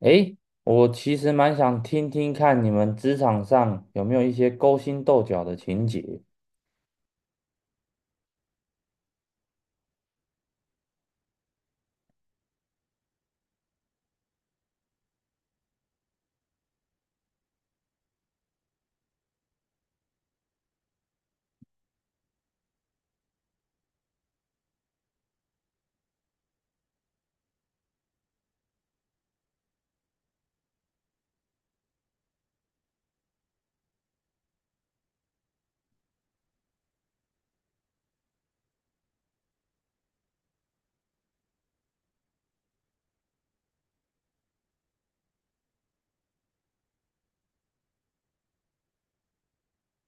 诶，我其实蛮想听听看你们职场上有没有一些勾心斗角的情节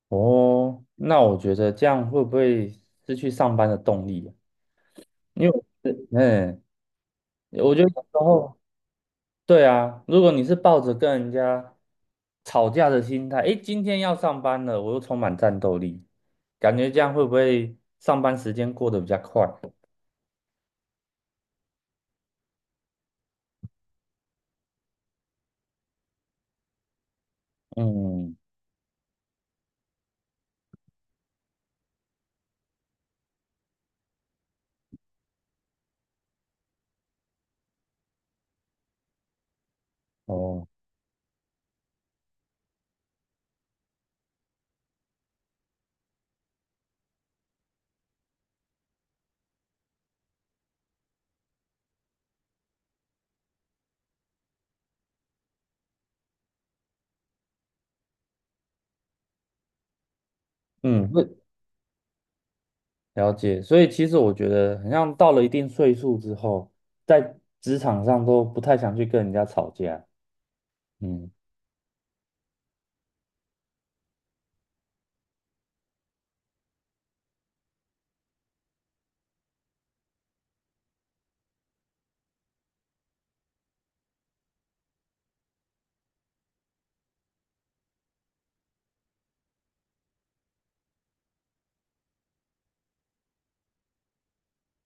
哦。那我觉得这样会不会失去上班的动力啊？因为我是我觉得然后，对啊，如果你是抱着跟人家吵架的心态，诶，今天要上班了，我又充满战斗力，感觉这样会不会上班时间过得比较快？嗯，哦，嗯，会。了解，所以其实我觉得，好像到了一定岁数之后，在职场上都不太想去跟人家吵架。嗯，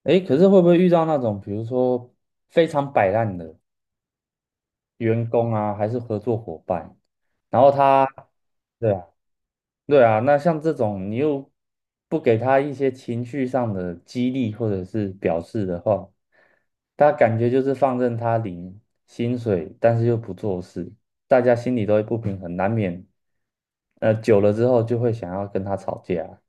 诶，可是会不会遇到那种，比如说非常摆烂的员工啊，还是合作伙伴，然后他，对啊，对啊，那像这种你又不给他一些情绪上的激励或者是表示的话，他感觉就是放任他领薪水，但是又不做事，大家心里都会不平衡，难免久了之后就会想要跟他吵架。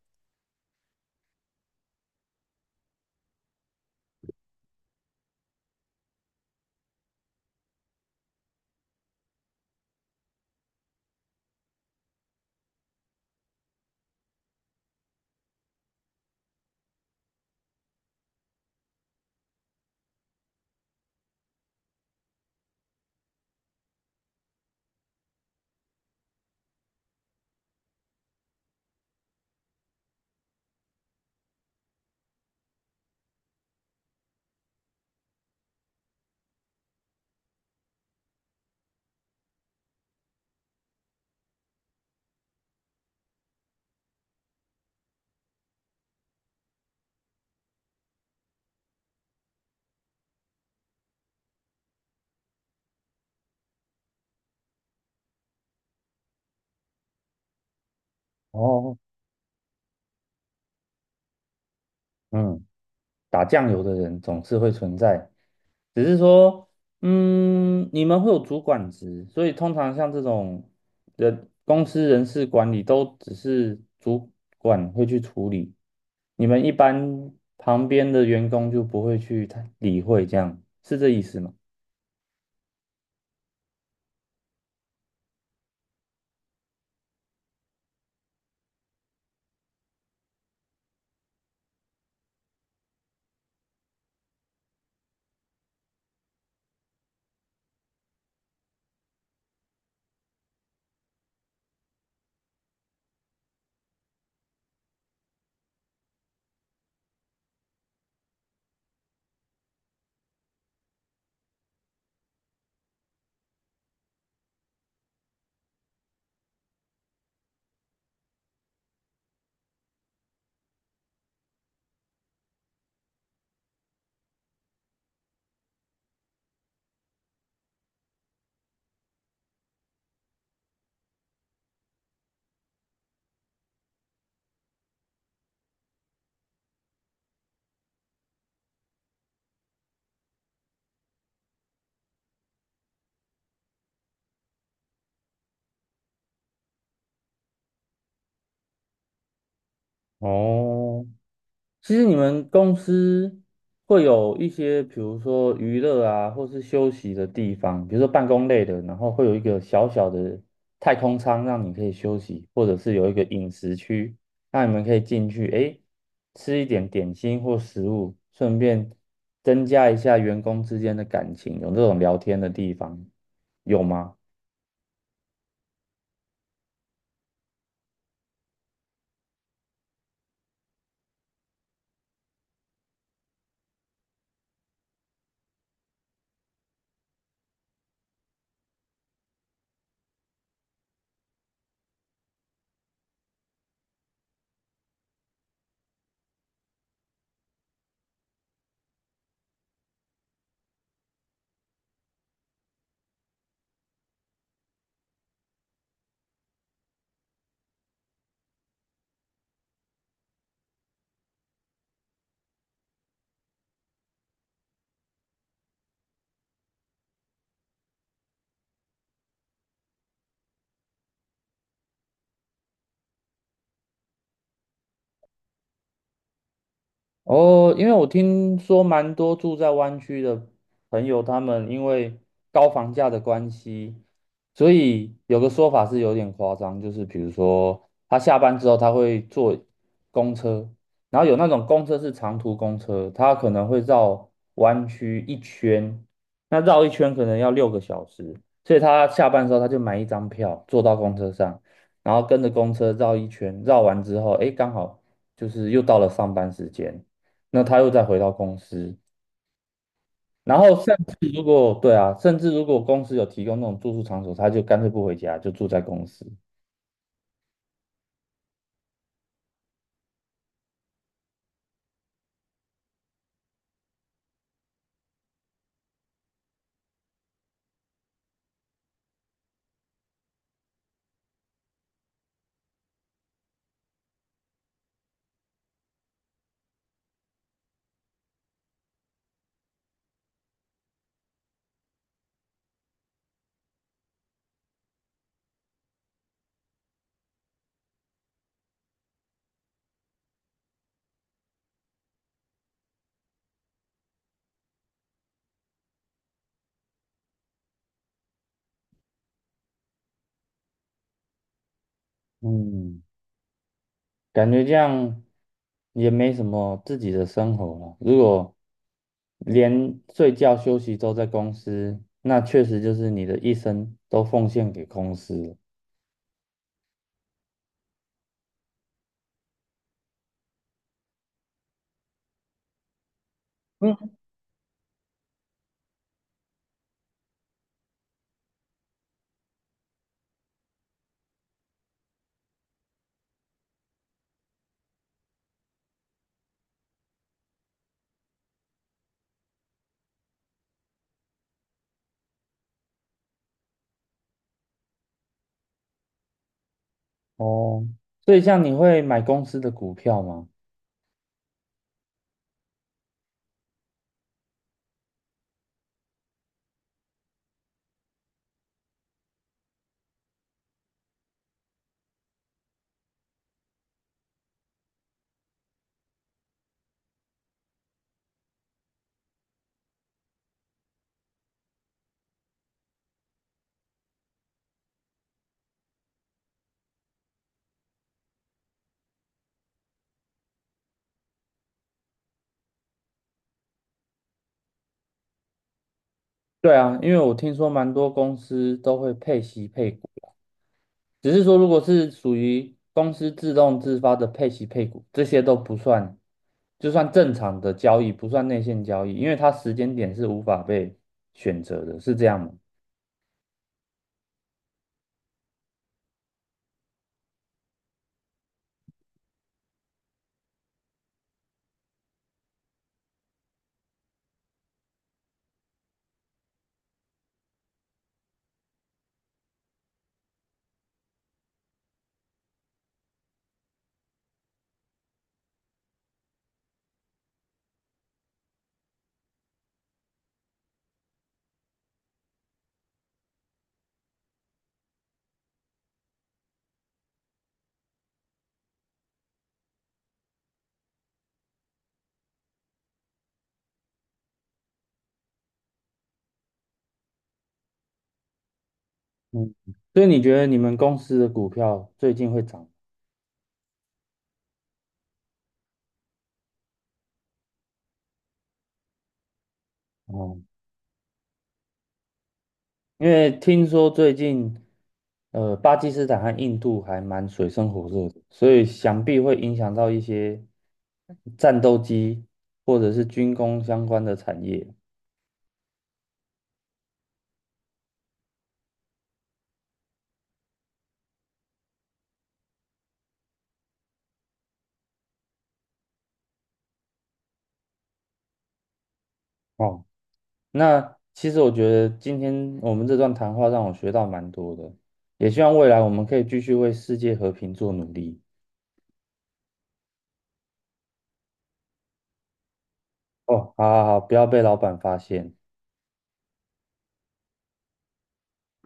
哦，嗯，打酱油的人总是会存在。只是说，你们会有主管职，所以通常像这种人公司人事管理都只是主管会去处理，你们一般旁边的员工就不会去太理会，这样是这意思吗？哦，其实你们公司会有一些，比如说娱乐啊，或是休息的地方，比如说办公类的，然后会有一个小小的太空舱让你可以休息，或者是有一个饮食区，让你们可以进去，诶，吃一点点心或食物，顺便增加一下员工之间的感情，有这种聊天的地方，有吗？哦，因为我听说蛮多住在湾区的朋友，他们因为高房价的关系，所以有个说法是有点夸张，就是比如说他下班之后他会坐公车，然后有那种公车是长途公车，他可能会绕湾区一圈，那绕一圈可能要6个小时，所以他下班之后他就买一张票坐到公车上，然后跟着公车绕一圈，绕完之后，诶，刚好就是又到了上班时间。那他又再回到公司，然后甚至如果对啊，甚至如果公司有提供那种住宿场所，他就干脆不回家，就住在公司。嗯，感觉这样也没什么自己的生活了。如果连睡觉休息都在公司，那确实就是你的一生都奉献给公司了。嗯，哦，所以像你会买公司的股票吗？对啊，因为我听说蛮多公司都会配息配股。只是说如果是属于公司自动自发的配息配股，这些都不算，就算正常的交易，不算内线交易，因为它时间点是无法被选择的，是这样吗？嗯，所以你觉得你们公司的股票最近会涨？哦，因为听说最近，巴基斯坦和印度还蛮水深火热的，所以想必会影响到一些战斗机或者是军工相关的产业。哦。那其实我觉得今天我们这段谈话让我学到蛮多的，也希望未来我们可以继续为世界和平做努力。哦，好好好，不要被老板发现。